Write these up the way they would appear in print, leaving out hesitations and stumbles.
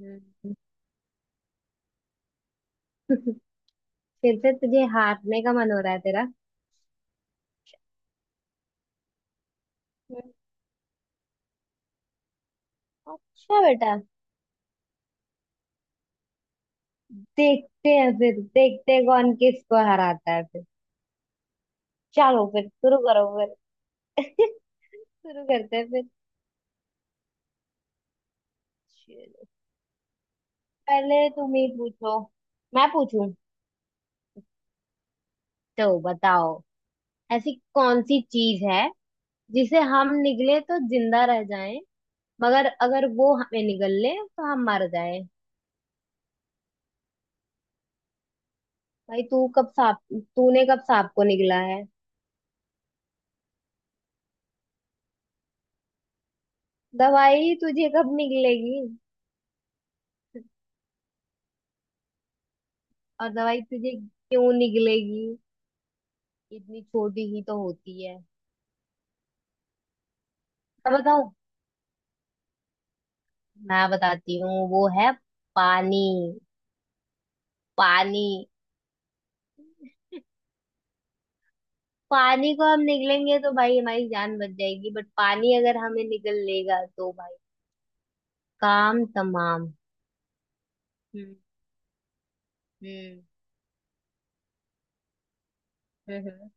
हम्म। फिर से तुझे हारने का मन हो रहा है तेरा। हम्म। अच्छा बेटा। देखते हैं, फिर देखते हैं कौन किसको हराता है फिर। चलो फिर, शुरू करो फिर। शुरू करते हैं फिर। चलो। पहले तुम ही पूछो। मैं पूछूं? तो बताओ, ऐसी कौन सी चीज है जिसे हम निगले तो जिंदा रह जाएं, मगर अगर वो हमें निगल ले तो हम मर जाएं? भाई, तू कब सांप? तूने कब सांप को निगला है? दवाई तुझे कब निकलेगी? और दवाई तुझे क्यों निकलेगी? इतनी छोटी ही तो होती है। मैं बताऊं? मैं बताती हूँ, वो है पानी। पानी। पानी को हम निकलेंगे तो भाई हमारी जान बच जाएगी, बट पानी अगर हमें निकल लेगा तो भाई काम तमाम। हम्म, हम्म, हम्म।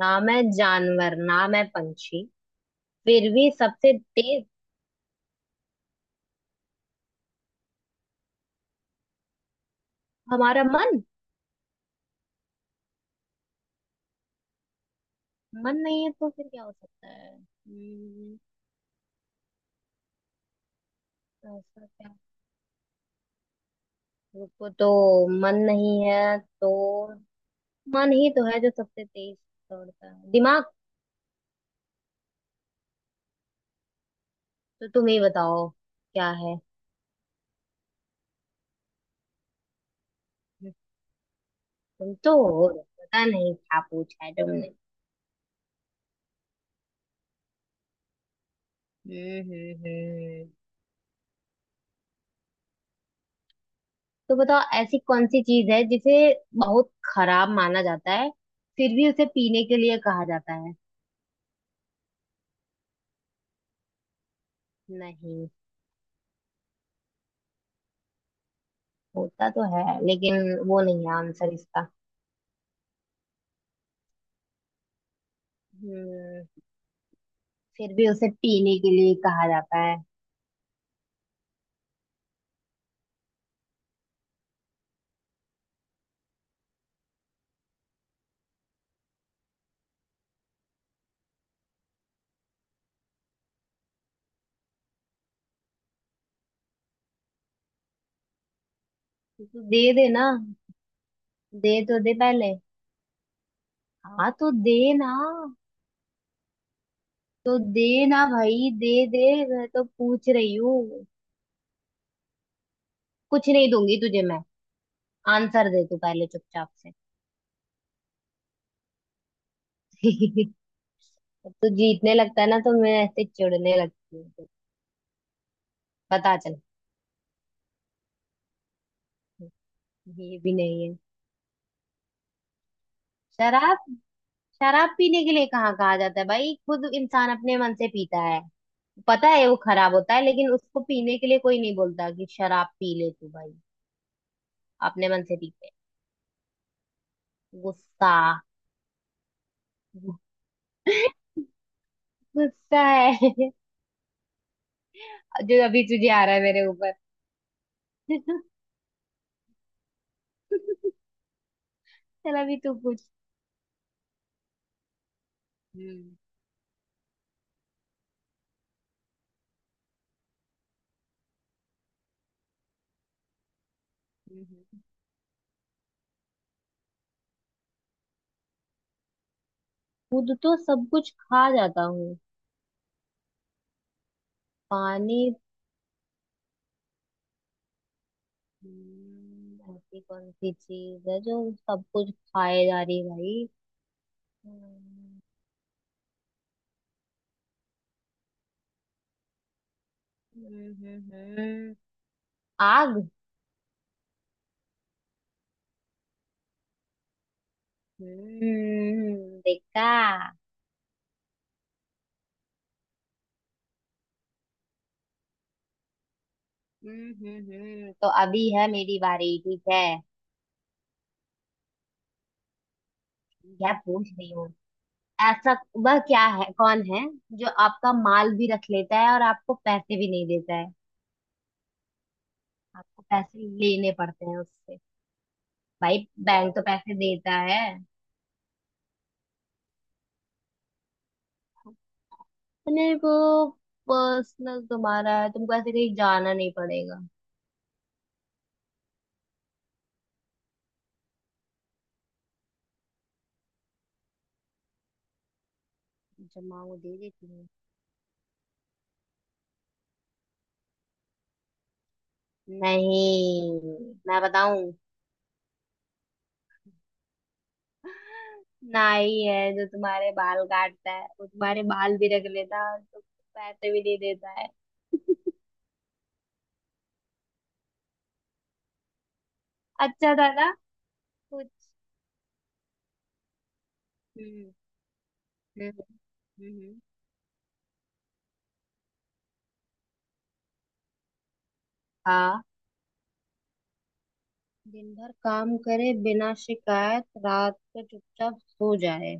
ना मैं जानवर, ना मैं पंछी, फिर भी सबसे तेज? हमारा मन। मन नहीं है तो फिर क्या हो सकता है? ऐसा क्या? रुको तो। मन नहीं है तो? मन ही तो है जो सबसे तेज दौड़ता है, दिमाग। तो तुम ही बताओ क्या है। तुम तो हो, पता नहीं क्या पूछा है तुमने। हम्म, हम्म, तो बताओ, ऐसी कौन सी चीज है जिसे बहुत खराब माना जाता है, फिर भी उसे पीने के लिए कहा जाता है? नहीं। होता तो है लेकिन वो नहीं है आंसर इसका। हम्म। फिर भी उसे पीने के लिए कहा जाता है। तो दे देना। दे तो दे पहले। हाँ, तो दे ना। तो दे ना भाई, दे दे। मैं तो पूछ रही हूँ। कुछ नहीं दूंगी तुझे मैं। आंसर दे तू पहले चुपचाप से। अब तू जीतने लगता है ना तो मैं ऐसे चिढ़ने लगती हूँ। पता चल। ये भी नहीं है। शराब? शराब पीने के लिए कहाँ कहा जाता है भाई, खुद इंसान अपने मन से पीता है। पता है वो खराब होता है लेकिन उसको पीने के लिए कोई नहीं बोलता कि शराब पी ले तू भाई। अपने मन से पीते। गुस्सा। गुस्सा है। जो अभी तुझे आ रहा है मेरे ऊपर। चल, अभी तू पूछ। हम्म। हम्म, खुद तो सब कुछ खा जाता हूँ। पानी। ऐसी कौन सी चीज है जो सब कुछ खाए जा रही है भाई? हम्म, हम्म। आग? हम्म, देखा। तो अभी है मेरी बारी, ठीक है। क्या पूछ रही हो? ऐसा, वह क्या है, कौन है जो आपका माल भी रख लेता है और आपको पैसे भी नहीं देता है? आपको पैसे लेने पड़ते हैं उससे। भाई, बैंक तो पैसे देता है। नहीं, वो पर्सनल तुम्हारा है, तुमको ऐसे कहीं जाना नहीं पड़ेगा। जमा वो दे देती है। नहीं, मैं बताऊं। नाई है जो तुम्हारे बाल काटता है, वो तुम्हारे बाल भी रख लेता है और तुमको पैसे भी नहीं देता है। अच्छा था ना? कुछ। हम्म, हम्म, हम्म, हाँ, दिन भर काम करे बिना शिकायत, रात को चुपचाप सो जाए।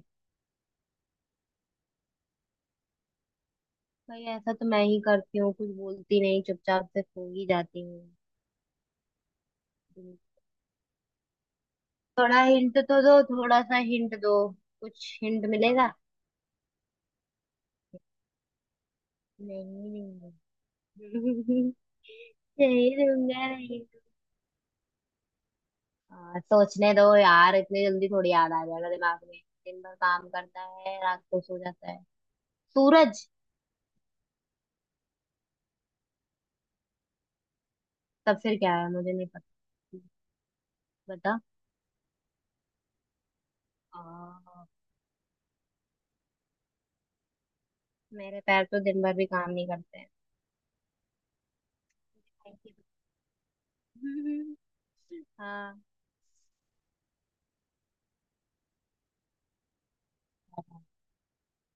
भाई ऐसा तो मैं ही करती हूँ, कुछ बोलती नहीं चुपचाप से सो ही जाती हूँ। थोड़ा हिंट तो दो, थोड़ा सा हिंट दो। कुछ हिंट मिलेगा? नहीं, नहीं। नहीं दूंगा, नहीं दूंगा। सोचने दो यार, इतनी जल्दी थोड़ी याद आ जाएगा दिमाग में। दिन भर काम करता है, रात को सो जाता है, सूरज। तब फिर क्या है, मुझे नहीं पता। बता। आ, मेरे पैर तो दिन भर भी काम नहीं करते हैं। हाँ।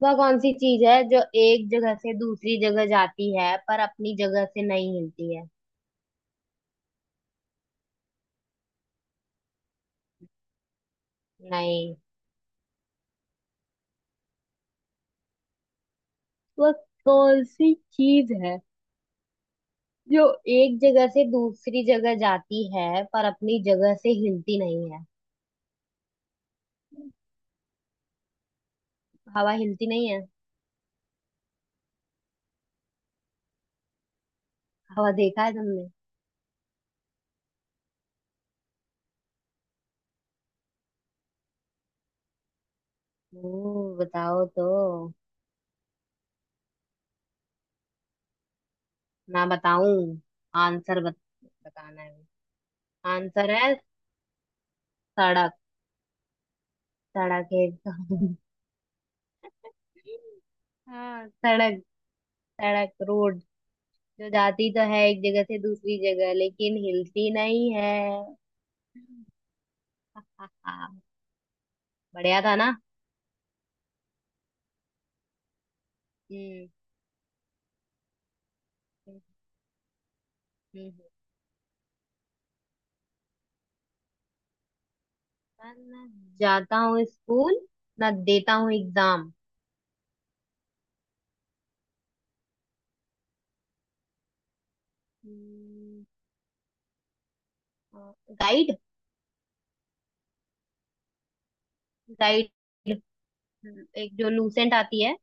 वह कौन सी चीज है जो एक जगह से दूसरी जगह जाती है पर अपनी जगह से नहीं हिलती है? नहीं। वह कौन सी चीज है जो एक जगह से दूसरी जगह जाती है पर अपनी जगह से हिलती नहीं है? हवा हिलती नहीं है? हवा देखा है तुमने? ओ, बताओ तो। मैं बताऊं? आंसर बत, बताना है। आंसर है सड़क। सड़क है। हाँ, सड़क। सड़क, रोड। जो जाती तो है एक जगह से दूसरी जगह लेकिन हिलती नहीं है। हा, बढ़िया था ना? हम्म, हम्म, हम्म। पर ना जाता हूँ स्कूल, ना देता हूँ एग्जाम। हम्म, गाइड। गाइड, एक जो लूसेंट आती है।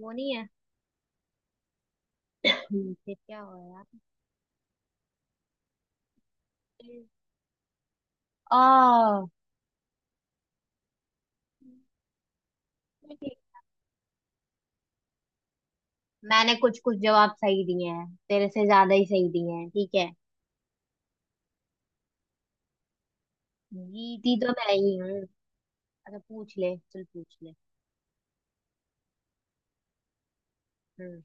वो नहीं है? फिर क्या हुआ? यार। आ मैंने कुछ कुछ जवाब सही दिए हैं, तेरे से ज्यादा ही सही दिए हैं, ठीक है। जीती तो मैं ही हूँ। अच्छा पूछ ले, चल पूछ ले। हम्म।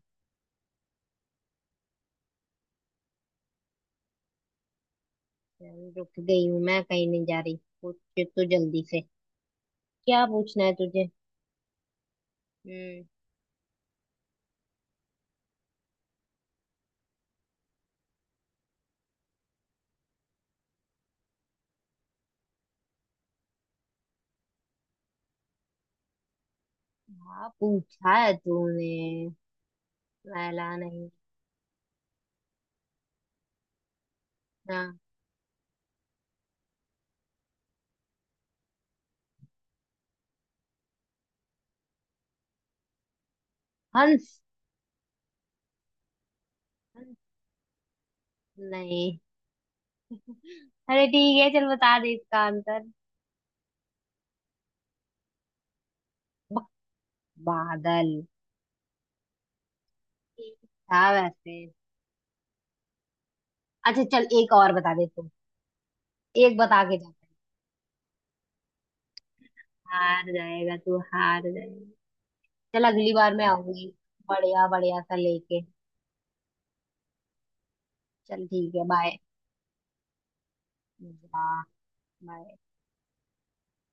चल, रुक गई हूँ मैं, कहीं नहीं जा रही। पूछ तो जल्दी से। क्या पूछना है तुझे? हम्म। हाँ, पूछा है तूने। लाला नहीं। हाँ। हंस। हंस? नहीं। अरे ठीक है, चल बता दे इसका आंसर। ब- बादल। ठीक था वैसे। अच्छा चल, एक और बता दे तू। एक बता के जा। हार जाएगा तू, हार जाएगा। चल अगली बार मैं आऊंगी, बढ़िया बढ़िया सा लेके। चल ठीक है, बाय। बाय। Right।